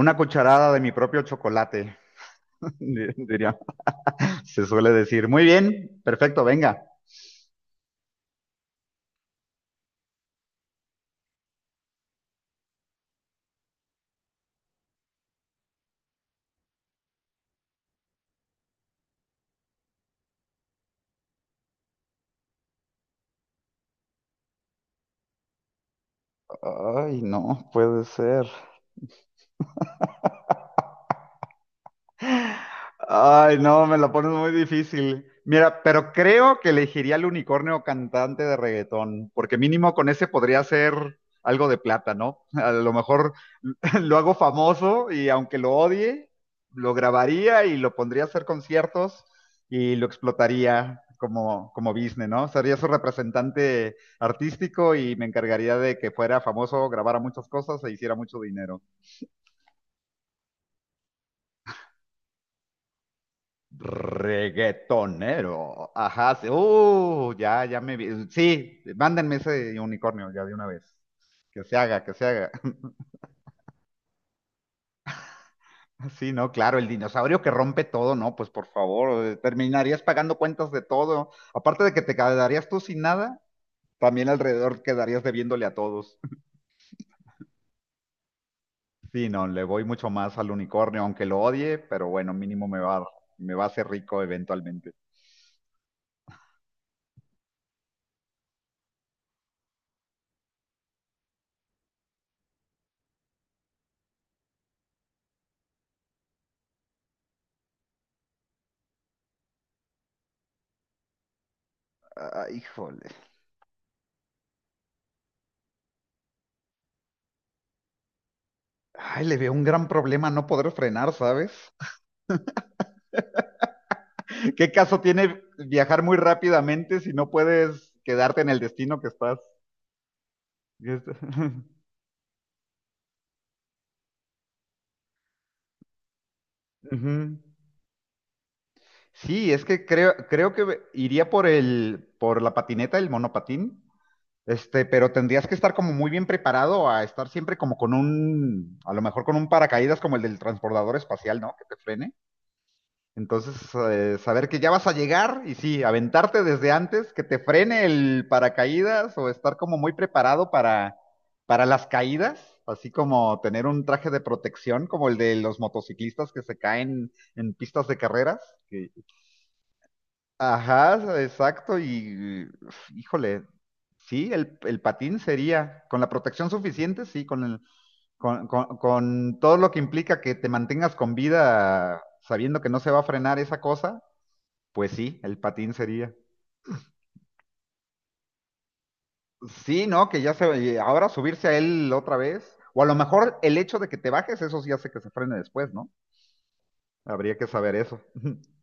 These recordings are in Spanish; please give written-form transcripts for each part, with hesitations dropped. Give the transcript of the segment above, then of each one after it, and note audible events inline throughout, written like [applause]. Una cucharada de mi propio chocolate, [laughs] diría, se suele decir. Muy bien, perfecto, venga. Ay, no, puede ser. Ay, no, me la pones muy difícil. Mira, pero creo que elegiría al unicornio cantante de reggaetón, porque mínimo con ese podría ser algo de plata, ¿no? A lo mejor [laughs] lo hago famoso y aunque lo odie, lo grabaría y lo pondría a hacer conciertos y lo explotaría como, como business, ¿no? Sería su representante artístico y me encargaría de que fuera famoso, grabara muchas cosas e hiciera mucho dinero. Reggaetonero. Ajá, sí. Ya, me vi. Sí, mándenme ese unicornio ya de una vez. Que se haga, que se haga. Sí, no, claro, el dinosaurio que rompe todo, no, pues por favor, terminarías pagando cuentas de todo. Aparte de que te quedarías tú sin nada, también alrededor quedarías debiéndole a todos. [laughs] Sí, no, le voy mucho más al unicornio, aunque lo odie, pero bueno, me va a hacer rico eventualmente. Ay, híjole. Ay, le veo un gran problema no poder frenar, ¿sabes? [laughs] ¿Qué caso tiene viajar muy rápidamente si no puedes quedarte en el destino que estás? [laughs] Ujú. Sí, es que creo que iría por la patineta, el monopatín, este, pero tendrías que estar como muy bien preparado a estar siempre como con un, a lo mejor con un paracaídas como el del transbordador espacial, ¿no? Que te frene. Entonces, saber que ya vas a llegar y sí, aventarte desde antes, que te frene el paracaídas o estar como muy preparado para las caídas, así como tener un traje de protección como el de los motociclistas que se caen en pistas de carreras. Que ajá, exacto, y uf, híjole, sí, el patín sería, con la protección suficiente, sí, con el, con todo lo que implica que te mantengas con vida sabiendo que no se va a frenar esa cosa, pues sí, el patín sería. Sí, ¿no? Que ya se, y ahora subirse a él otra vez, o a lo mejor el hecho de que te bajes, eso sí hace que se frene después, ¿no? Habría que saber eso, [laughs]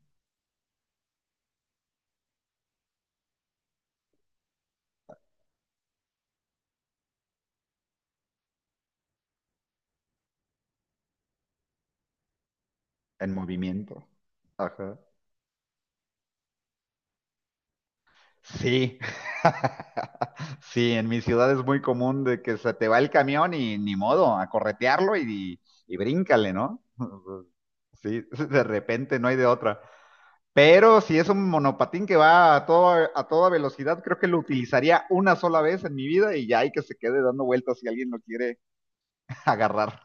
en movimiento. Ajá. Sí, [laughs] sí, en mi ciudad es muy común de que se te va el camión y ni modo, a corretearlo y bríncale, ¿no? [laughs] Sí, de repente no hay de otra. Pero si es un monopatín que va a a toda velocidad, creo que lo utilizaría una sola vez en mi vida y ya hay que se quede dando vueltas si alguien lo quiere [laughs] agarrar.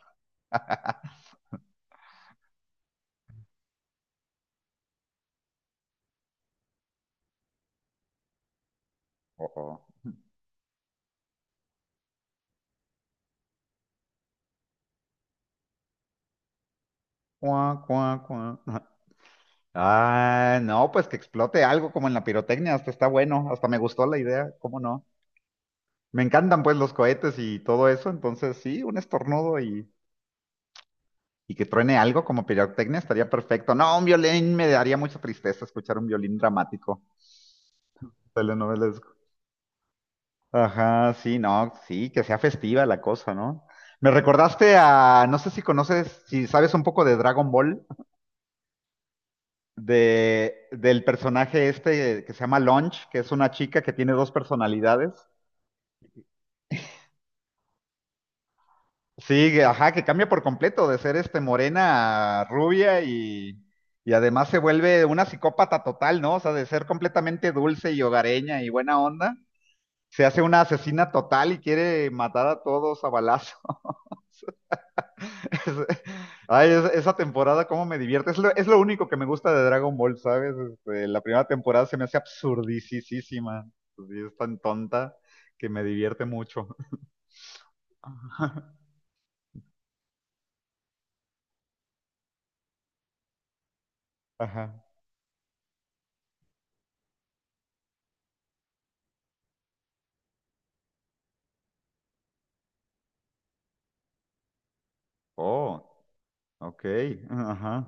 Ojo. Cuá, cuá, cuá. Ah, no, pues que explote algo como en la pirotecnia, hasta está bueno, hasta me gustó la idea, ¿cómo no? Me encantan pues los cohetes y todo eso, entonces sí, un estornudo y que truene algo como pirotecnia estaría perfecto. No, un violín me daría mucha tristeza escuchar un violín dramático, telenovelesco. Ajá, sí, no, sí, que sea festiva la cosa, ¿no? Me recordaste a, no sé si conoces, si sabes un poco de Dragon Ball, del personaje este que se llama Launch, que es una chica que tiene dos personalidades. Sí, ajá, que cambia por completo de ser este morena a rubia y además se vuelve una psicópata total, ¿no? O sea, de ser completamente dulce y hogareña y buena onda, se hace una asesina total y quiere matar a todos a balazo. [laughs] Es- Ay, esa temporada, cómo me divierte. Es lo único que me gusta de Dragon Ball, ¿sabes? Este, la primera temporada se me hace absurdicísima. Sí, es tan tonta que me divierte mucho. [laughs] Ajá. Oh, ok. Ajá.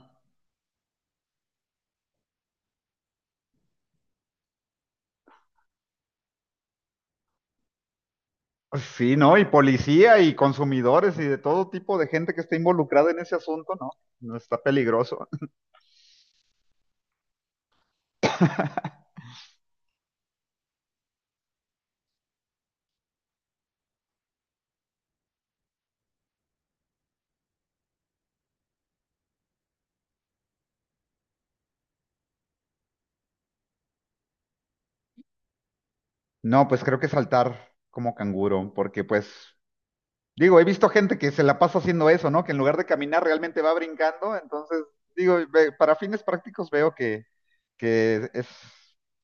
Pues sí, ¿no? Y policía y consumidores y de todo tipo de gente que esté involucrada en ese asunto, ¿no? No, está peligroso. No, pues creo que saltar como canguro, porque pues, digo, he visto gente que se la pasa haciendo eso, ¿no? Que en lugar de caminar realmente va brincando, entonces, digo, para fines prácticos veo que es,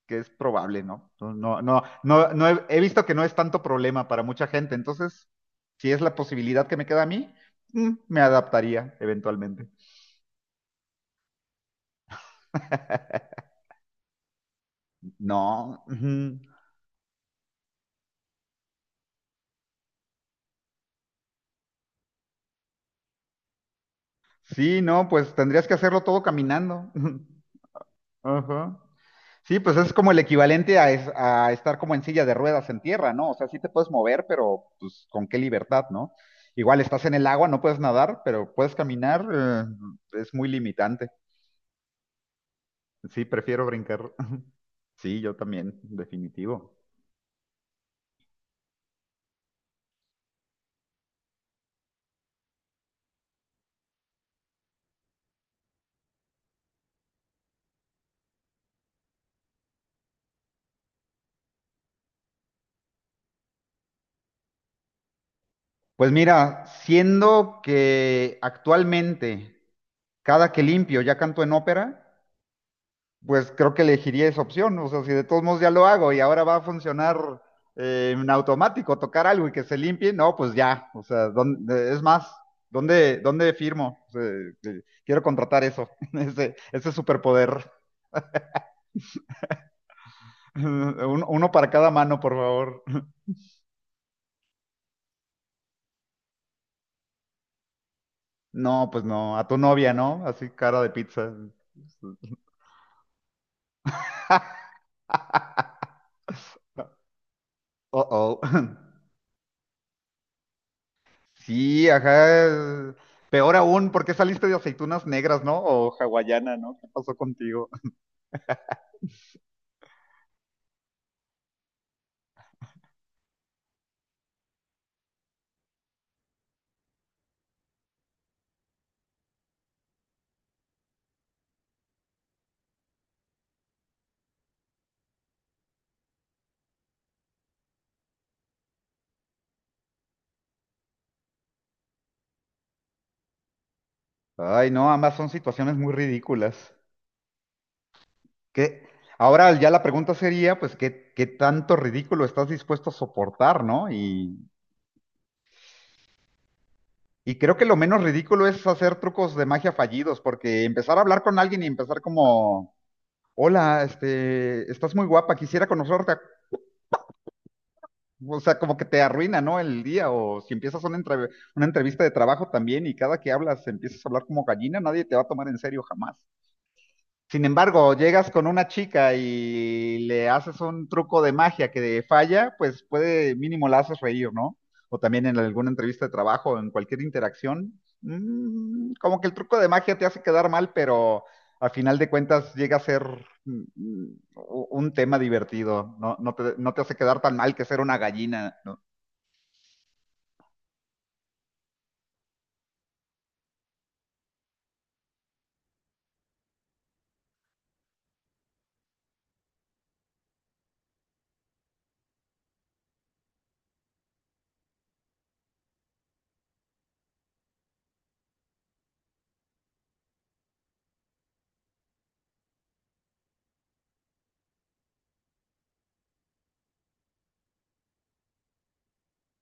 que es probable, ¿no? He visto que no es tanto problema para mucha gente, entonces, si es la posibilidad que me queda a mí, me adaptaría eventualmente. [laughs] No. Ujú. Sí, no, pues tendrías que hacerlo todo caminando. [laughs] Ajá. Sí, pues es como el equivalente a estar como en silla de ruedas en tierra, ¿no? O sea, sí te puedes mover, pero pues con qué libertad, ¿no? Igual estás en el agua, no puedes nadar, pero puedes caminar, es muy limitante. Sí, prefiero brincar. [laughs] Sí, yo también, definitivo. Pues mira, siendo que actualmente cada que limpio ya canto en ópera, pues creo que elegiría esa opción. O sea, si de todos modos ya lo hago y ahora va a funcionar en automático tocar algo y que se limpie, no, pues ya. O sea, es más, dónde firmo? O sea, quiero contratar eso, [laughs] ese superpoder. [laughs] Uno para cada mano, por favor. [laughs] No, pues no, a tu novia, ¿no? Así cara de pizza. [laughs] Uh-oh. [laughs] Sí, ajá. Peor aún, ¿por qué saliste de aceitunas negras, no? O hawaiana, ¿no? ¿Qué pasó contigo? Ay, no, ambas son situaciones muy ridículas. ¿Qué? Ahora ya la pregunta sería, pues, qué tanto ridículo estás dispuesto a soportar, no? Y creo que lo menos ridículo es hacer trucos de magia fallidos, porque empezar a hablar con alguien y empezar como, hola, este, estás muy guapa, quisiera conocerte. O sea, como que te arruina, ¿no? El día, o si empiezas una entrevista de trabajo también y cada que hablas empiezas a hablar como gallina, nadie te va a tomar en serio jamás. Sin embargo, llegas con una chica y le haces un truco de magia que falla, pues puede mínimo la haces reír, ¿no? O también en alguna entrevista de trabajo, en cualquier interacción, como que el truco de magia te hace quedar mal, pero a final de cuentas llega a ser mm, mm, un tema divertido, no, no te hace quedar tan mal que ser una gallina, ¿no?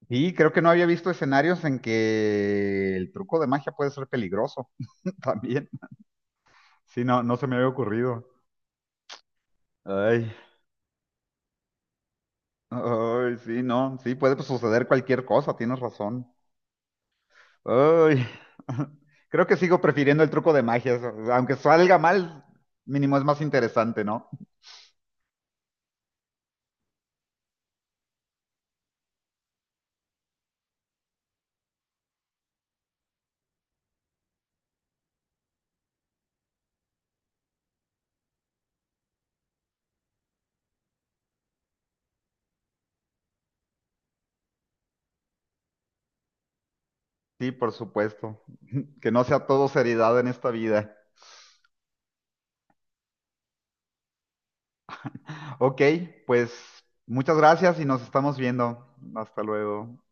Y creo que no había visto escenarios en que el truco de magia puede ser peligroso [laughs] también. Sí, no, no se me había ocurrido. Ay, ay, sí, no, sí, puede pues, suceder cualquier cosa, tienes razón. Ay, [laughs] creo que sigo prefiriendo el truco de magia, eso, aunque salga mal, mínimo es más interesante, ¿no? Sí, por supuesto, [laughs] que no sea todo seriedad en esta vida. Ok, pues muchas gracias y nos estamos viendo. Hasta luego.